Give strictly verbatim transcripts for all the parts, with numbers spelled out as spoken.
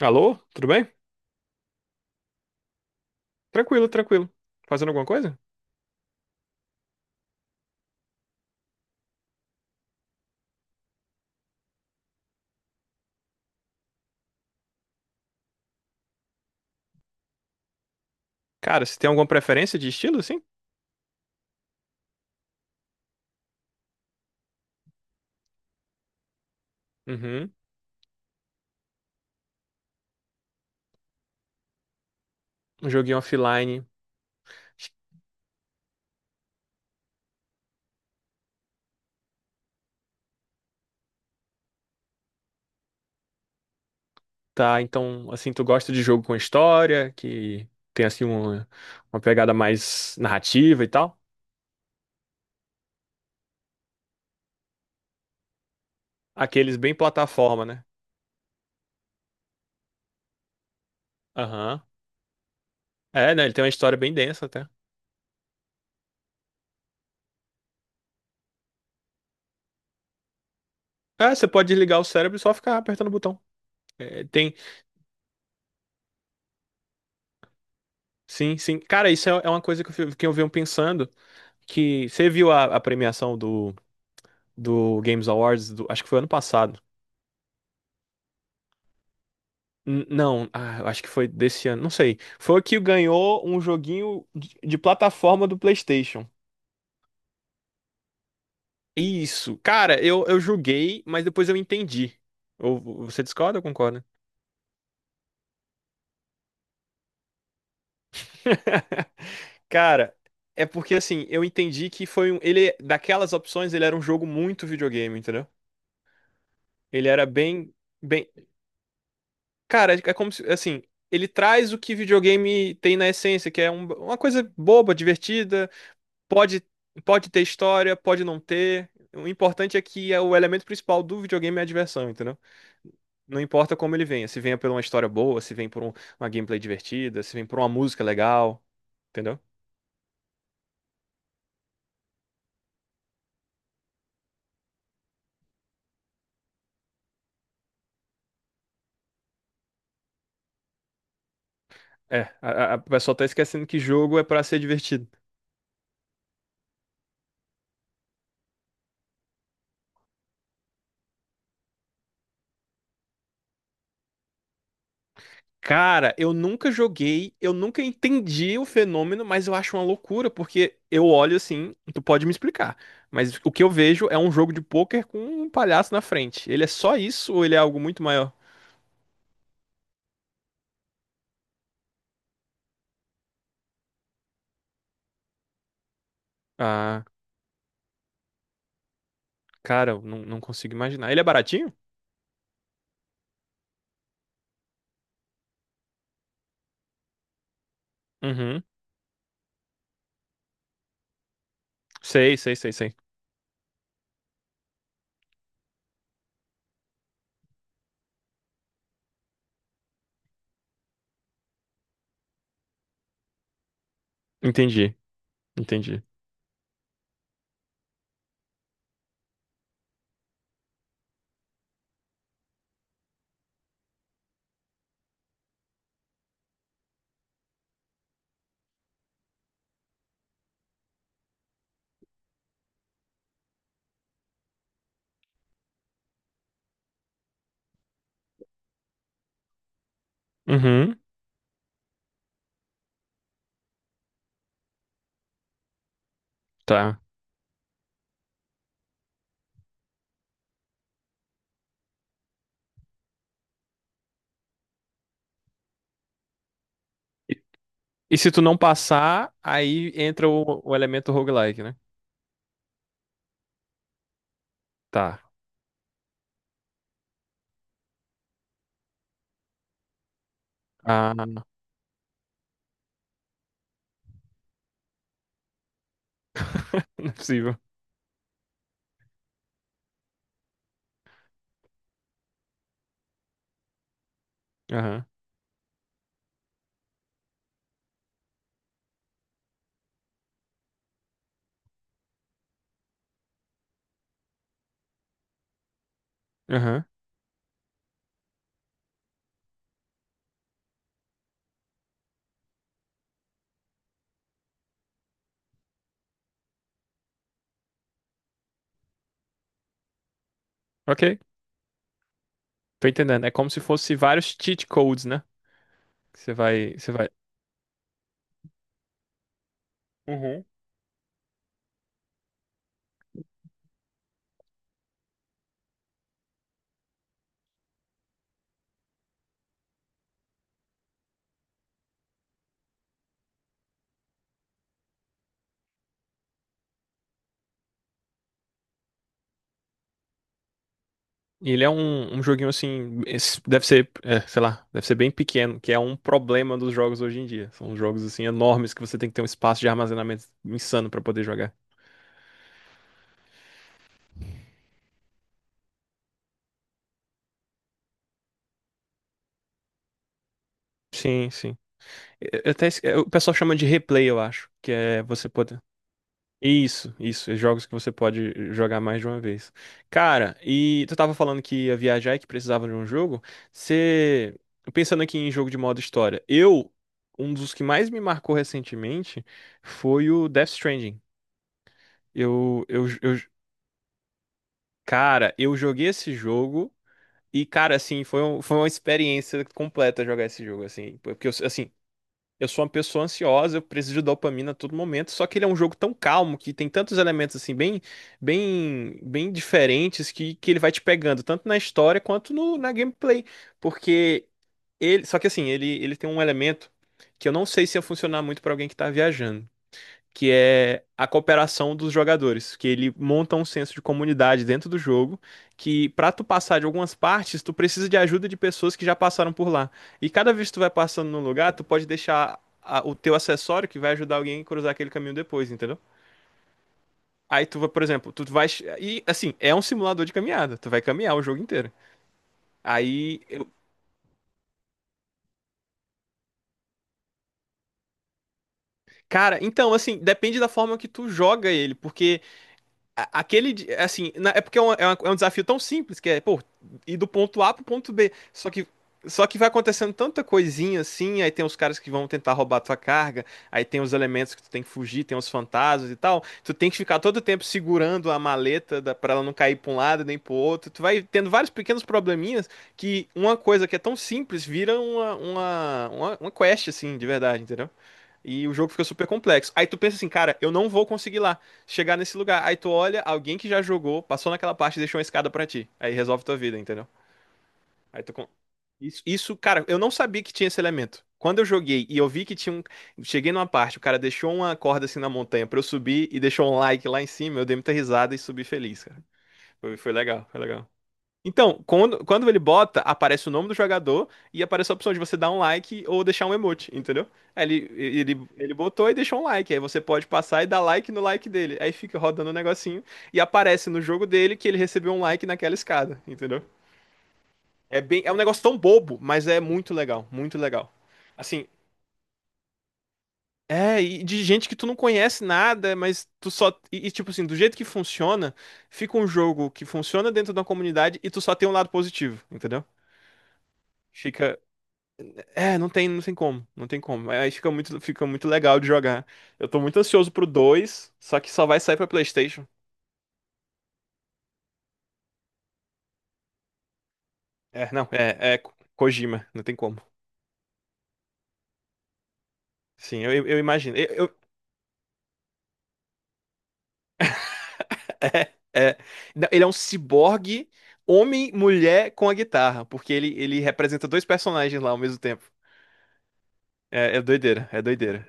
Alô? Tudo bem? Tranquilo, tranquilo. Fazendo alguma coisa? Cara, você tem alguma preferência de estilo, assim? Uhum. Um joguinho offline. Tá, então, assim, tu gosta de jogo com história, que tem, assim, uma, uma pegada mais narrativa e tal? Aqueles bem plataforma, né? Aham. É, né? Ele tem uma história bem densa até. É, você pode desligar o cérebro e só ficar apertando o botão. É, tem. Sim, sim. Cara, isso é é uma coisa que eu, fi- que eu venho pensando. Que você viu a, a premiação do, do Games Awards, do- acho que foi ano passado. N- Não, ah, eu acho que foi desse ano, não sei. Foi o que ganhou um joguinho de, de plataforma do PlayStation. Isso, cara, eu, eu julguei, mas depois eu entendi. Ou você discorda ou concorda? Cara, é porque assim, eu entendi que foi um. Ele, daquelas opções, ele era um jogo muito videogame, entendeu? Ele era bem, bem. Cara, é como se, assim, ele traz o que videogame tem na essência, que é um- uma coisa boba, divertida. Pode, pode ter história, pode não ter. O importante é que é o elemento principal do videogame é a diversão, entendeu? Não importa como ele venha, se venha por uma história boa, se vem por um- uma gameplay divertida, se vem por uma música legal, entendeu? É, a, a a pessoa tá esquecendo que jogo é pra ser divertido. Cara, eu nunca joguei, eu nunca entendi o fenômeno, mas eu acho uma loucura, porque eu olho assim, tu pode me explicar, mas o que eu vejo é um jogo de pôquer com um palhaço na frente. Ele é só isso ou ele é algo muito maior? Ah. Cara, eu não, não consigo imaginar. Ele é baratinho? Uhum. Sei, sei, sei, sei. Entendi, entendi. Uhum, tá. E, e se tu não passar, aí entra o, o elemento roguelike, né? Tá. Ah, não é possível. Aham, aham. Ok, tô entendendo. É como se fosse vários cheat codes, né? Que você vai, você vai. Uhum. E ele é um, um joguinho assim, esse deve ser, é, sei lá, deve ser bem pequeno, que é um problema dos jogos hoje em dia. São jogos assim enormes que você tem que ter um espaço de armazenamento insano pra poder jogar. Sim, sim. Eu- eu até esque- o pessoal chama de replay, eu acho, que é você poder. Isso, isso, é jogos que você pode jogar mais de uma vez. Cara, e tu tava falando que ia viajar e que precisava de um jogo. Você, pensando aqui em jogo de modo história, eu, um dos que mais me marcou recentemente foi o Death Stranding. Eu, eu, eu, Cara, eu joguei esse jogo e, cara, assim, foi, um- foi uma experiência completa jogar esse jogo, assim, porque, eu- assim, eu sou uma pessoa ansiosa, eu preciso de dopamina a todo momento, só que ele é um jogo tão calmo que tem tantos elementos assim bem bem bem diferentes que, que ele vai te pegando tanto na história quanto no, na gameplay, porque ele, só que assim, ele ele tem um elemento que eu não sei se ia funcionar muito pra alguém que tá viajando, que é a cooperação dos jogadores, que ele monta um senso de comunidade dentro do jogo, que pra tu passar de algumas partes, tu precisa de ajuda de pessoas que já passaram por lá. E cada vez que tu vai passando num lugar, tu pode deixar a- o teu acessório que vai ajudar alguém a cruzar aquele caminho depois, entendeu? Aí tu vai, por exemplo, tu vai e assim, é um simulador de caminhada, tu vai caminhar o jogo inteiro. Aí, eu- Cara, então assim, depende da forma que tu joga ele, porque a- aquele, di- assim, na- é porque é, uma- é uma- é um desafio tão simples que é, pô, ir do ponto A pro ponto B. Só que, só que vai acontecendo tanta coisinha assim, aí tem os caras que vão tentar roubar a tua carga, aí tem os elementos que tu tem que fugir, tem os fantasmas e tal. Tu tem que ficar todo tempo segurando a maleta da, pra ela não cair pra um lado nem pro outro. Tu vai tendo vários pequenos probleminhas, que uma coisa que é tão simples vira uma, uma, uma, uma quest, assim, de verdade, entendeu? E o jogo fica super complexo. Aí tu pensa assim, cara, eu não vou conseguir lá chegar nesse lugar. Aí tu olha alguém que já jogou, passou naquela parte e deixou uma escada pra ti. Aí resolve tua vida, entendeu? Aí tu con- isso, isso, cara, eu não sabia que tinha esse elemento. Quando eu joguei e eu vi que tinha um. Cheguei numa parte, o cara deixou uma corda assim na montanha pra eu subir e deixou um like lá em cima, eu dei muita risada e subi feliz, cara. Foi, foi legal, foi legal. Então, quando, quando ele bota, aparece o nome do jogador e aparece a opção de você dar um like ou deixar um emote, entendeu? Aí Ele, ele, ele botou e deixou um like. Aí você pode passar e dar like no like dele. Aí fica rodando o negocinho e aparece no jogo dele que ele recebeu um like naquela escada, entendeu? É bem, é um negócio tão bobo, mas é muito legal, muito legal. Assim, é, e de gente que tu não conhece nada, mas tu só. E, e, tipo assim, do jeito que funciona, fica um jogo que funciona dentro da comunidade e tu só tem um lado positivo, entendeu? Fica, é, não tem, não tem como, não tem como. Aí fica muito, fica muito legal de jogar. Eu tô muito ansioso pro dois. Só que só vai sair pra PlayStation. É, não, é, é Ko- Kojima, não tem como. Sim, eu, eu imagino. Eu- eu- é, é. Não, ele é um ciborgue, homem, mulher com a guitarra, porque ele, ele representa dois personagens lá ao mesmo tempo. É, é doideira, é doideira,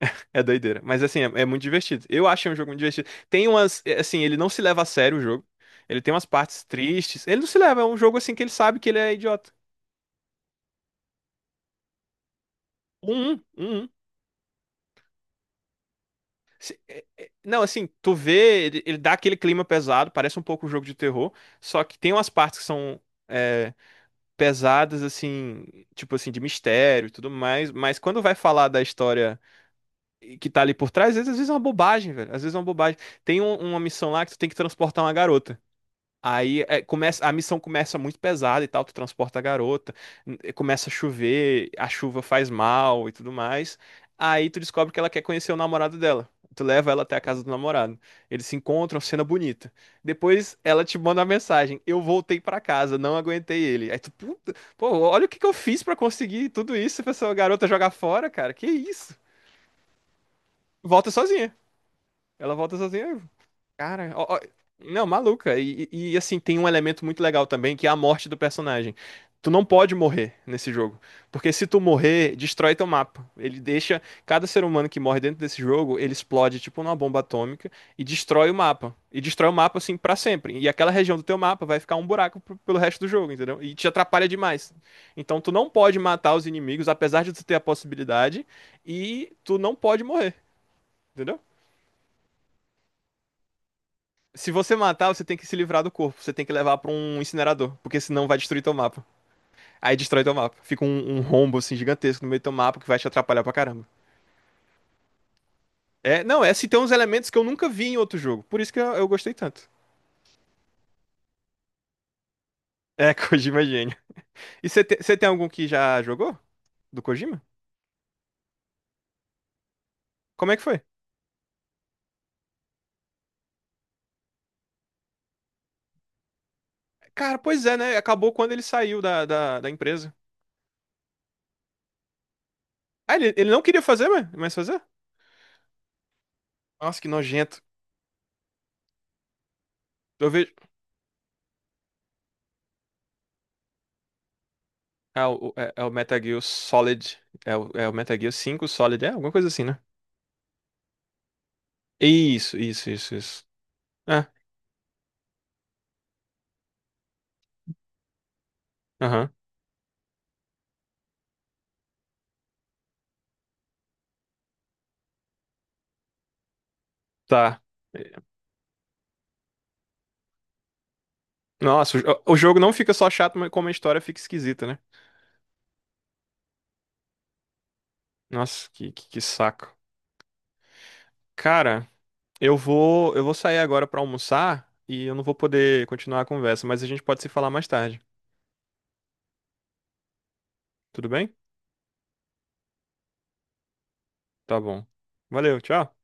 é doideira. Mas assim, é, é muito divertido. Eu achei um jogo muito divertido. Tem umas, é, assim, ele não se leva a sério o jogo. Ele tem umas partes tristes. Ele não se leva, é um jogo assim que ele sabe que ele é idiota. Um, um, um. Se- é- é- Não, assim, tu vê, ele, ele dá aquele clima pesado, parece um pouco um jogo de terror, só que tem umas partes que são é, pesadas, assim, tipo assim, de mistério e tudo mais, mas quando vai falar da história que tá ali por trás, às vezes, às vezes é uma bobagem, velho, às vezes é uma bobagem. Tem um- uma missão lá que tu tem que transportar uma garota. Aí é, começa, a missão começa muito pesada e tal, tu transporta a garota, n- começa a chover, a chuva faz mal e tudo mais. Aí tu descobre que ela quer conhecer o namorado dela. Tu leva ela até a casa do namorado. Eles se encontram, cena bonita. Depois ela te manda uma mensagem: eu voltei pra casa, não aguentei ele. Aí tu, puta, pô, olha o que que eu fiz pra conseguir tudo isso, pra essa garota jogar fora, cara. Que isso? Volta sozinha. Ela volta sozinha. Cara, ó- ó- não, maluca. E, e- e, assim, tem um elemento muito legal também, que é a morte do personagem. Tu não pode morrer nesse jogo, porque se tu morrer, destrói teu mapa. Ele deixa cada ser humano que morre dentro desse jogo, ele explode tipo numa bomba atômica e destrói o mapa. E destrói o mapa assim pra sempre. E aquela região do teu mapa vai ficar um buraco pro- pelo resto do jogo, entendeu? E te atrapalha demais. Então tu não pode matar os inimigos, apesar de tu ter a possibilidade, e tu não pode morrer, entendeu? Se você matar, você tem que se livrar do corpo. Você tem que levar pra um incinerador, porque senão vai destruir teu mapa. Aí destrói teu mapa. Fica um, um rombo assim gigantesco no meio do teu mapa que vai te atrapalhar pra caramba. É, não, é se tem uns elementos que eu nunca vi em outro jogo. Por isso que eu, eu gostei tanto. É, Kojima é gênio. E você te- você tem algum que já jogou? Do Kojima? Como é que foi? Cara, pois é, né? Acabou quando ele saiu da, da, da empresa. Ah, ele, ele não queria fazer, mas mas fazer? Nossa, que nojento. Eu vejo. Ah, o- é, é o Metal Gear Solid. É o, é o Metal Gear cinco Solid, é alguma coisa assim, né? Isso, isso, isso, isso. É, aham, tá. Nossa, o, jo- o jogo não fica só chato, mas como a história fica esquisita, né? Nossa, que, que, que saco. Cara, eu vou, eu vou sair agora pra almoçar e eu não vou poder continuar a conversa, mas a gente pode se falar mais tarde. Tudo bem? Tá bom. Valeu, tchau.